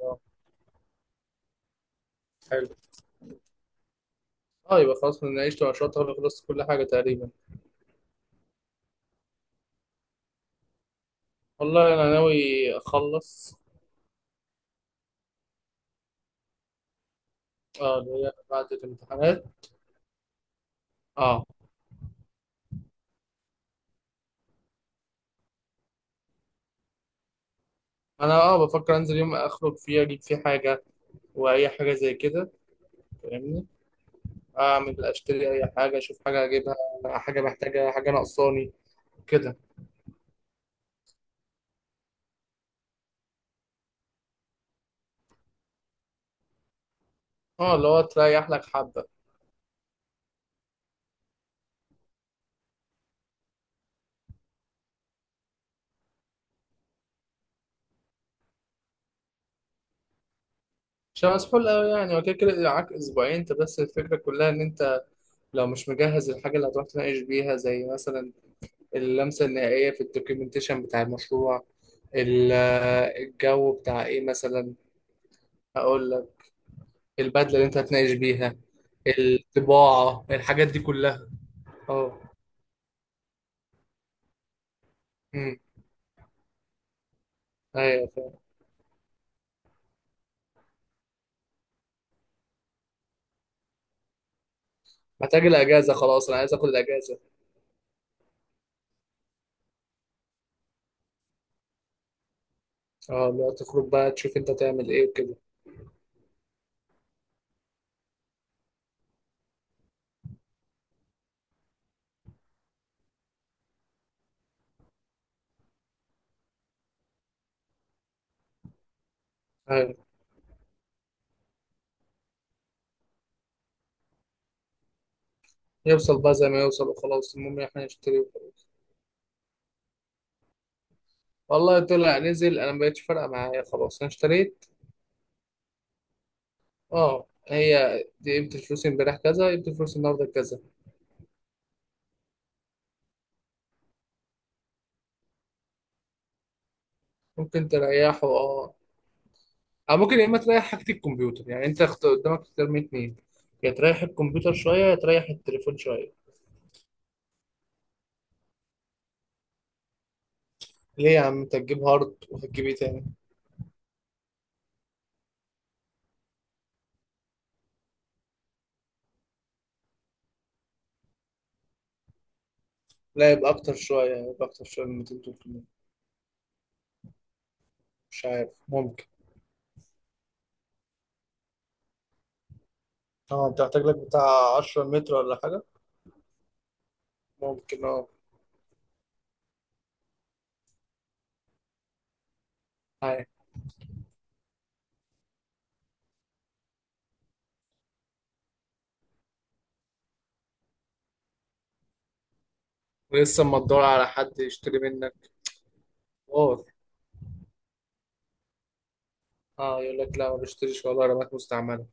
اه. حلو. اه، يبقى خلاص من عيشت وعشرتها خلصت كل حاجة تقريبا. والله أنا ناوي أخلص. اه، اللي هي بعد الامتحانات. اه، أنا اه بفكر أنزل يوم أخرج فيه أجيب فيه حاجة وأي حاجة زي كده، فاهمني، أعمل أشتري أي حاجة أشوف حاجة أجيبها. حاجة محتاجة، حاجة ناقصاني كده. اه اللي هو تريح لك حبة. عشان مسحول أوي يعني، وكده كده كده معاك أسبوعين أنت، بس الفكرة كلها إن أنت لو مش مجهز الحاجة اللي هتروح تناقش بيها، زي مثلا اللمسة النهائية في الدوكيومنتيشن بتاع المشروع. ال- الجو بتاع ايه مثلا، هقول لك، البدلة اللي انت هتناقش بيها، الطباعة، الحاجات دي كلها. اه. امم. ايوه فاهم. محتاج الاجازة خلاص، انا عايز اخد الاجازة. اه اللي هو تخرج بقى تشوف انت تعمل ايه وكده. ايوه. يوصل بقى زي ما يوصل وخلاص، المهم احنا نشتري وخلاص. والله طلع نزل انا ما بقتش فارقة معايا، خلاص انا اشتريت. اه، هي دي قيمة الفلوس امبارح كذا، قيمة الفلوس النهارده كذا. ممكن تريحه اه. أو ممكن يا إما تريح حاجة الكمبيوتر، يعني أنت قدامك اختيار من اتنين، يا تريح الكمبيوتر شوية يا تريح التليفون شويه. ليه يا عم أنت تجيب هارد وهتجيب إيه تاني؟ لا يبقى أكتر شوية، يبقى أكتر شوية من 200 300. مش عارف، ممكن. أه أنت محتاج لك بتاع 10 متر ولا حاجة؟ ممكن أه. عارف. ولسه أما تدور على حد يشتري منك. أوه. أه يقول لك لا ما بشتريش والله رامات مستعملة.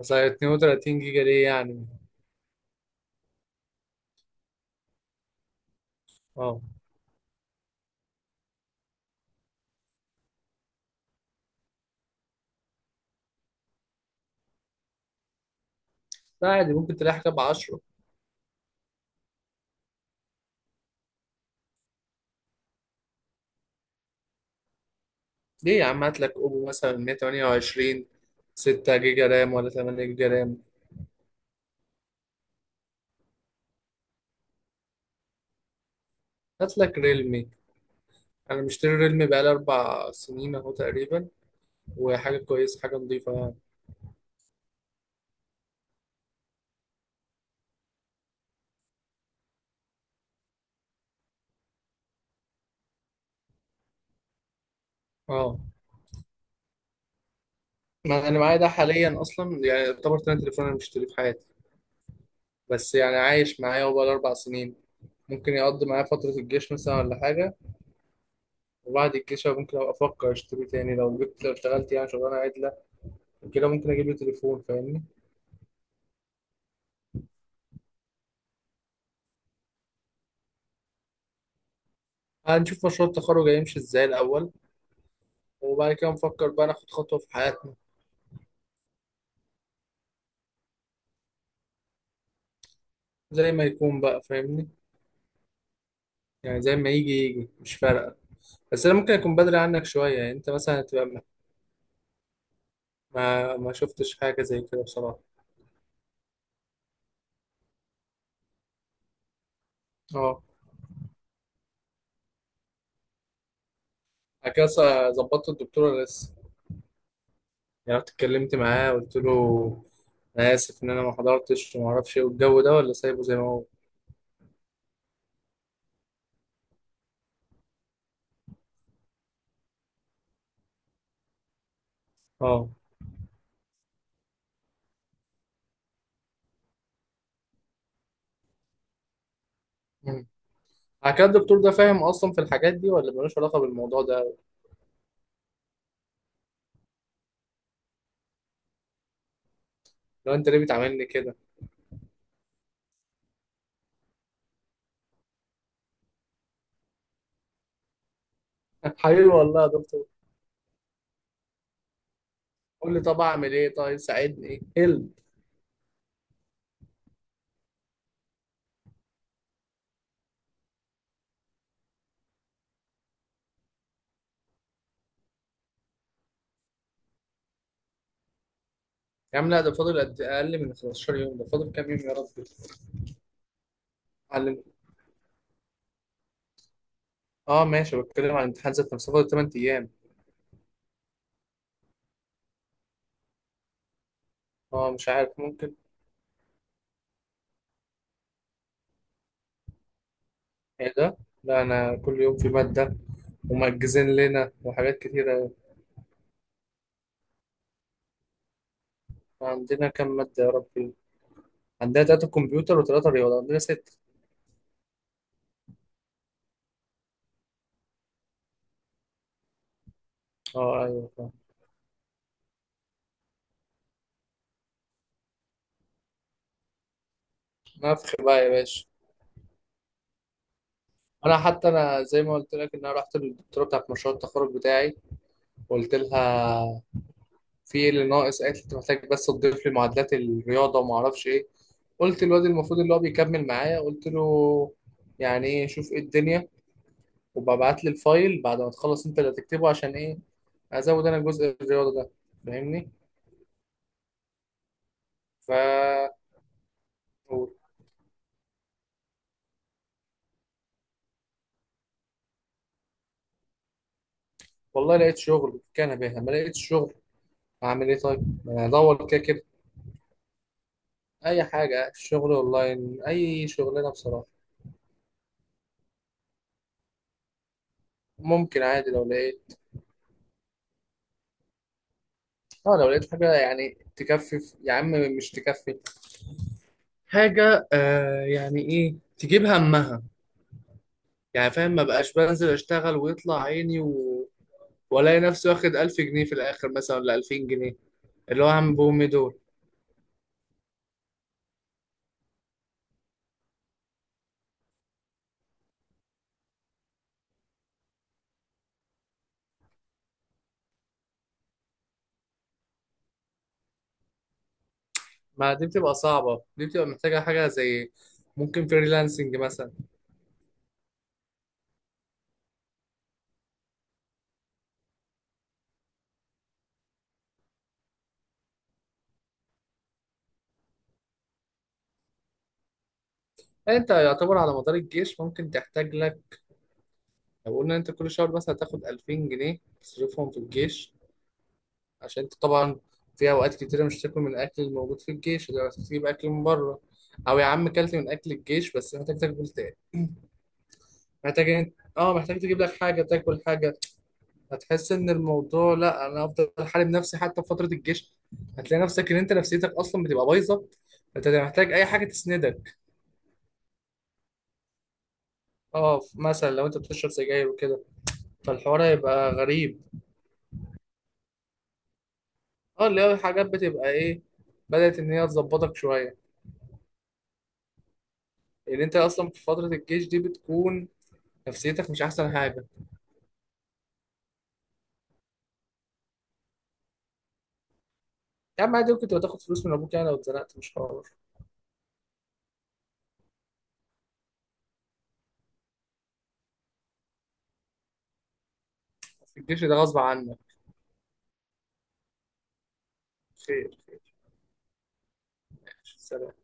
بس هي 32 جيجا ليه يعني؟ أه. لا عادي، ممكن تريح كام 10. ليه يا عم، هات لك اوبو مثلا 128، 6 جيجا رام ولا 8 جيجا رام. هات لك ريلمي، انا مشتري ريلمي بقالي اربع سنين اهو تقريبا، وحاجه كويسه، حاجه نظيفه يعني. اه ما انا معايا ده حاليا، اصلا يعني يعتبر تاني تليفون انا مشتريه في حياتي، بس يعني عايش معايا، هو بقاله اربع سنين. ممكن يقضي معايا فتره الجيش مثلا ولا حاجه، وبعد الجيش أنا ممكن ابقى افكر اشتري تاني، لو جبت، لو اشتغلت يعني شغلانه عدله وكده، ممكن اجيب لي تليفون، فاهمني. هنشوف مشروع التخرج هيمشي ازاي الاول، وبعد كده نفكر بقى ناخد خطوة في حياتنا. زي ما يكون بقى، فاهمني. يعني زي ما يجي يجي، مش فارقة. بس أنا ممكن أكون بدري عنك شوية، يعني أنت مثلا هتبقى ما. ما شفتش حاجة زي كده بصراحة. أه. بعد كده ظبطت الدكتورة لسه. يعني رحت اتكلمت معاه، قلت له أنا آسف إن أنا ما حضرتش وما أعرفش إيه، والجو ده ولا سايبه زي ما هو. أه. مم. بعد كده الدكتور ده فاهم أصلا في الحاجات دي ولا ملوش علاقة بالموضوع ده؟ لو أنت ليه بتعاملني كده. حبيبي والله يا دكتور. قول لي طب أعمل إيه، طيب ساعدني إيه. يا عم لا، ده فاضل قد اقل من 15 يوم، ده فاضل كام يوم يا رب. علم. اه ماشي، بتكلم عن الامتحان ذات نفسه فاضل 8 ايام. اه مش عارف، ممكن. ايه ده، لا انا كل يوم في ماده، ومأجزين لنا وحاجات كتيره. عندنا كام ماده يا ربي؟ عندنا تلاته كمبيوتر وتلاته رياضه، عندنا سته. اه ايوه فاهم. نفخ بقى يا باشا. انا حتى انا زي ما قلت لك ان انا رحت للدكتوره بتاعت مشروع التخرج بتاعي وقلت لها في ايه اللي ناقص، قالت لي انت محتاج بس تضيف لي معادلات الرياضه وما اعرفش ايه. قلت للواد المفروض اللي هو بيكمل معايا، قلت له يعني ايه، شوف ايه الدنيا، وببعت لي الفايل بعد ما تخلص انت اللي هتكتبه، عشان ايه، ازود انا جزء الرياضه ده، فاهمني. ف والله لقيت شغل كان بيها، ما لقيتش شغل هعمل ايه طيب، ما أنا هدور كده كده. اي حاجه، شغل اونلاين، اي شغلانه بصراحه. ممكن عادي لو لقيت. اه لو لقيت حاجه يعني تكفي يا عم، مش تكفي، حاجة آه يعني إيه تجيب همها. يعني فاهم، ما بقاش بنزل أشتغل ويطلع عيني و... وألاقي نفسي واخد ألف جنيه في الآخر مثلا ولا ألفين جنيه، اللي هو عم بومي دول. ما دي بتبقى صعبة، دي بتبقى محتاجة حاجة زي ممكن فريلانسنج مثلا. يعني أنت يعتبر على مدار الجيش ممكن تحتاج لك، لو قلنا أنت كل شهر مثلا تاخد ألفين جنيه تصرفهم في الجيش، عشان أنت طبعا في أوقات كتيرة مش تاكل من الأكل الموجود في الجيش، اللي تجيب أكل من بره، أو يا عم كلت من أكل الجيش بس محتاج تاكل، محتاج، اه محتاج تجيب لك حاجه تاكل حاجه. هتحس ان الموضوع، لا انا افضل حارب نفسي حتى في فتره الجيش. هتلاقي نفسك ان انت نفسيتك اصلا بتبقى بايظه، انت محتاج اي حاجه تسندك. اه مثلا لو انت بتشرب سجاير وكده، فالحوار هيبقى غريب. اه اللي هو حاجات بتبقى ايه، بدات ان هي تظبطك شويه، لان انت اصلا في فتره الجيش دي بتكون نفسيتك مش احسن حاجه. يا عم عادي، ممكن تبقى تاخد فلوس من ابوك يعني لو اتزنقت مش حوار. في الجيش ده غصب عنك. خير خير. سلام.